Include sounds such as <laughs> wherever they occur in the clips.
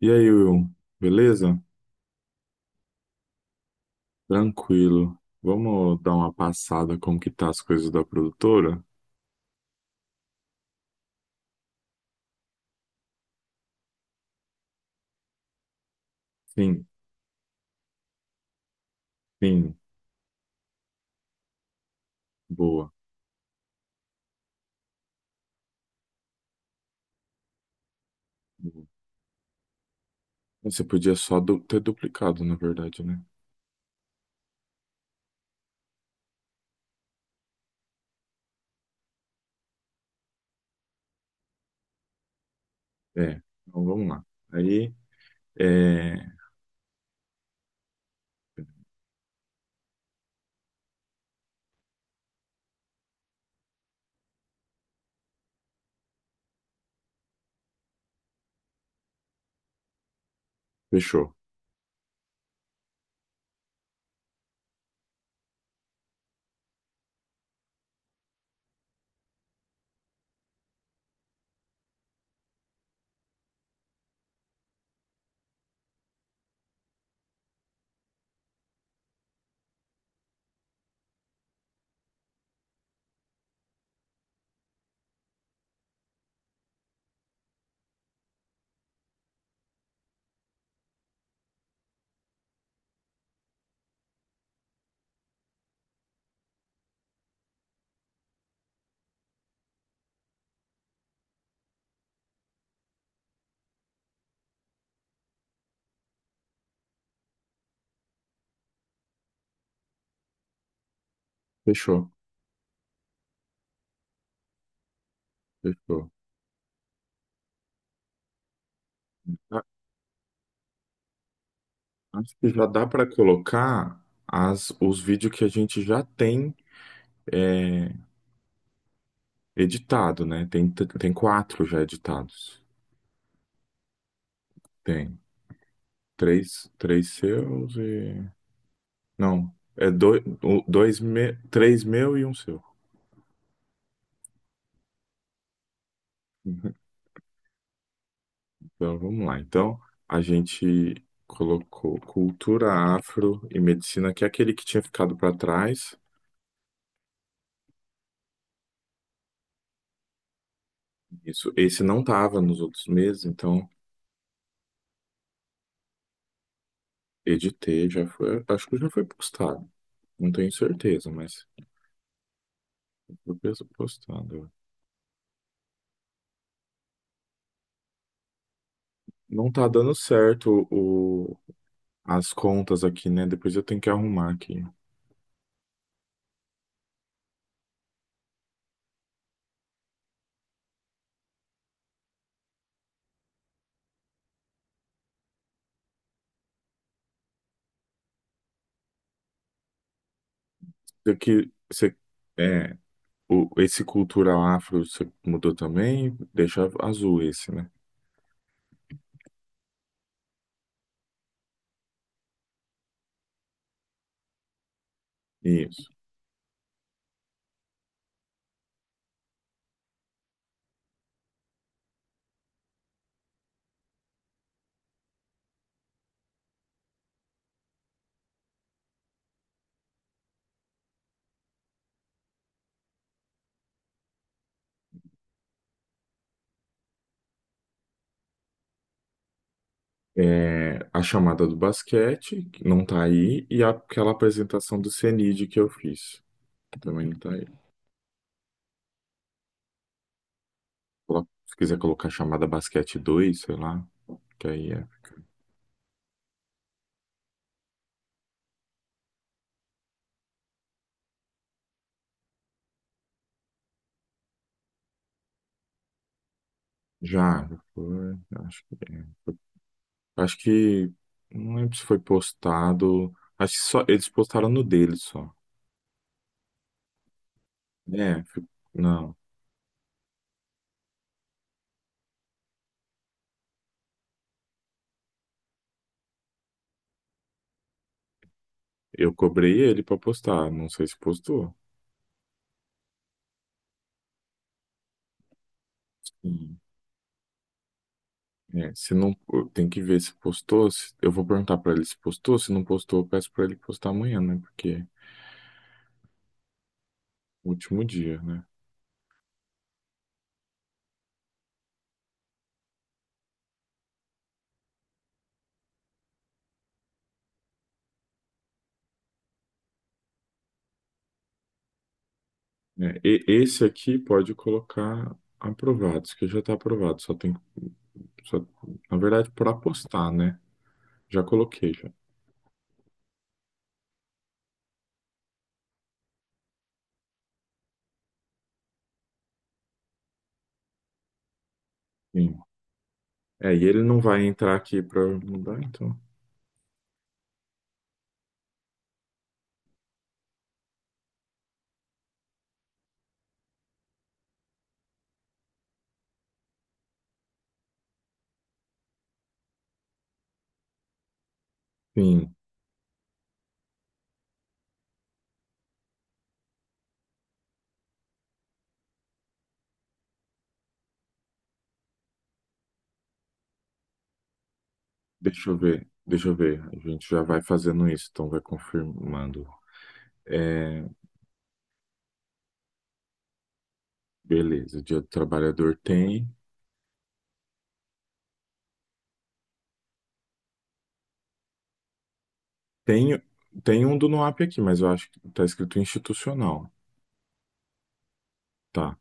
E aí, Will, beleza? Tranquilo. Vamos dar uma passada como que tá as coisas da produtora? Sim, sim, boa. Boa. Você podia só ter duplicado, na verdade, né? É, então vamos lá. Aí, é, fechou, fechou, fechou. A- Acho que já dá para colocar as, os vídeos que a gente já tem é, editado, né? Tem, tem quatro já editados. Tem três, três seus e não, é dois, dois três meu e um seu. <laughs> Então vamos lá. Então a gente colocou cultura afro e medicina, que é aquele que tinha ficado para trás. Isso, esse não tava nos outros meses, então editei, já foi, acho que já foi postado. Não tenho certeza, mas foi postado. Não tá dando certo o, as contas aqui, né? Depois eu tenho que arrumar aqui. Isso aqui, você, é, O, esse cultural afro você mudou também, deixa azul esse, né? Isso. É, a chamada do basquete, que não tá aí, e aquela apresentação do CNID que eu fiz, que também não tá aí. Se quiser colocar a chamada basquete 2 sei lá, que aí é. Já, já foi, acho que. Acho que. Não lembro se foi postado. Acho que só, eles postaram no dele só. É, não. Eu cobrei ele pra postar, não sei se postou. É, se não, tem que ver se postou. Eu vou perguntar pra ele se postou. Se não postou, eu peço pra ele postar amanhã, né? Porque é o último dia, né? É, esse aqui pode colocar aprovados, que já tá aprovado. Só tem, só, na verdade, pra postar, né? Já coloquei já. Sim. É, e ele não vai entrar aqui pra mudar, então. Sim. Deixa eu ver. Deixa eu ver. A gente já vai fazendo isso, então vai confirmando. É, beleza. Dia do trabalhador tem. Tem, tem um do NUAP aqui, mas eu acho que tá escrito institucional. Tá.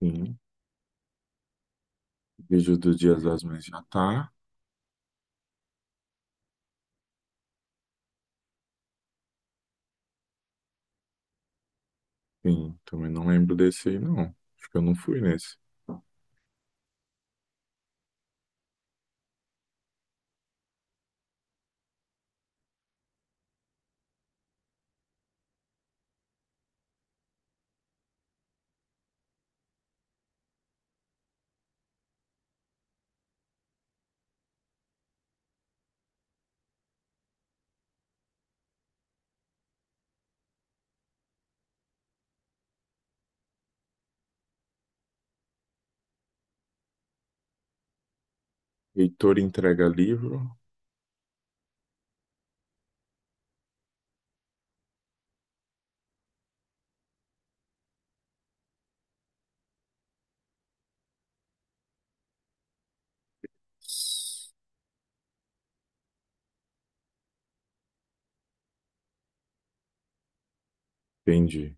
Sim. Vídeo do Dia das Mães já tá. Sim, também não lembro desse aí, não. Acho que eu não fui nesse. Heitor entrega livro. Entendi.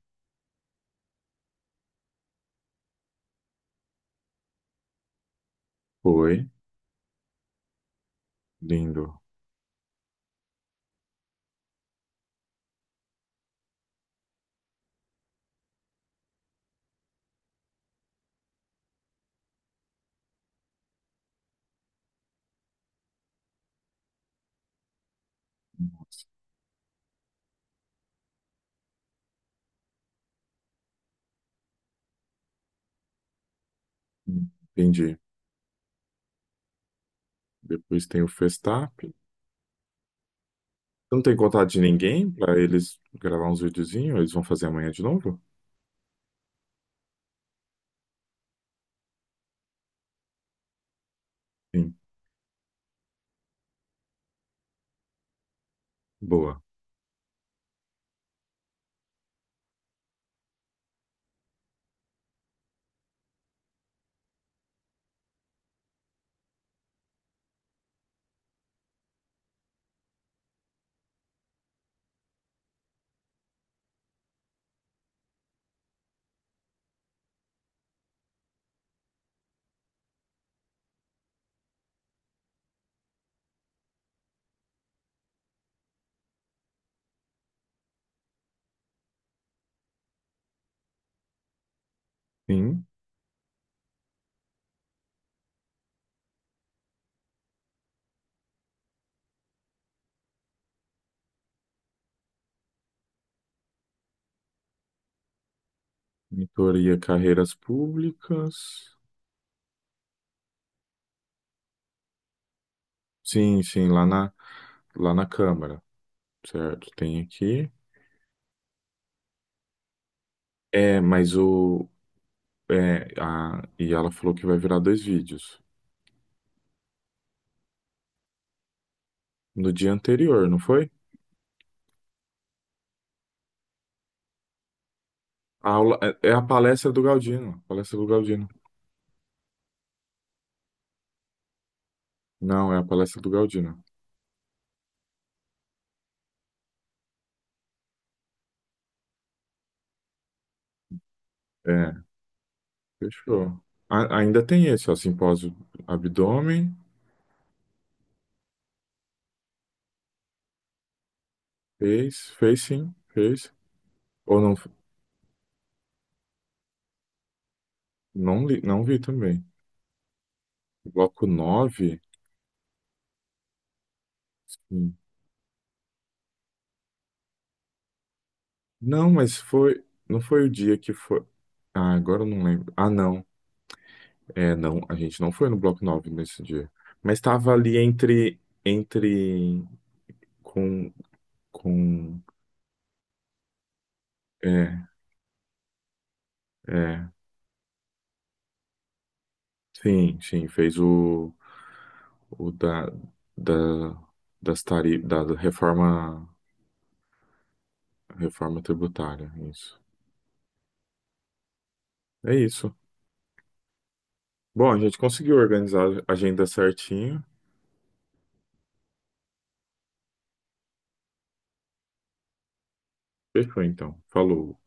Foi. Lindo. Entendi. Depois tem o Festap. Não tem contato de ninguém pra eles gravar uns videozinhos? Eles vão fazer amanhã de novo? Sim. Boa. Sim. Mentoria Carreiras Públicas. Sim, sim, lá na Câmara, certo? Tem aqui. É, mas o. É, a, e ela falou que vai virar dois vídeos. No dia anterior, não foi? A aula, é a palestra do Galdino. Palestra do Galdino. Não, é a palestra do Galdino. É, fechou. Ainda tem esse, ó, simpósio abdômen, fez, fez sim, fez. Ou não, não li, não vi também. Bloco nove. Não, mas foi. Não foi o dia que foi. Ah, agora eu não lembro. Ah, não. É, não. A gente não foi no Bloco 9 nesse dia. Mas tava ali entre. Entre. Com. Com. É, é. Sim, sim. Fez o. O da. Da. Das tari, da reforma. Reforma tributária. Isso. É isso. Bom, a gente conseguiu organizar a agenda certinho. Fechou, então. Falou.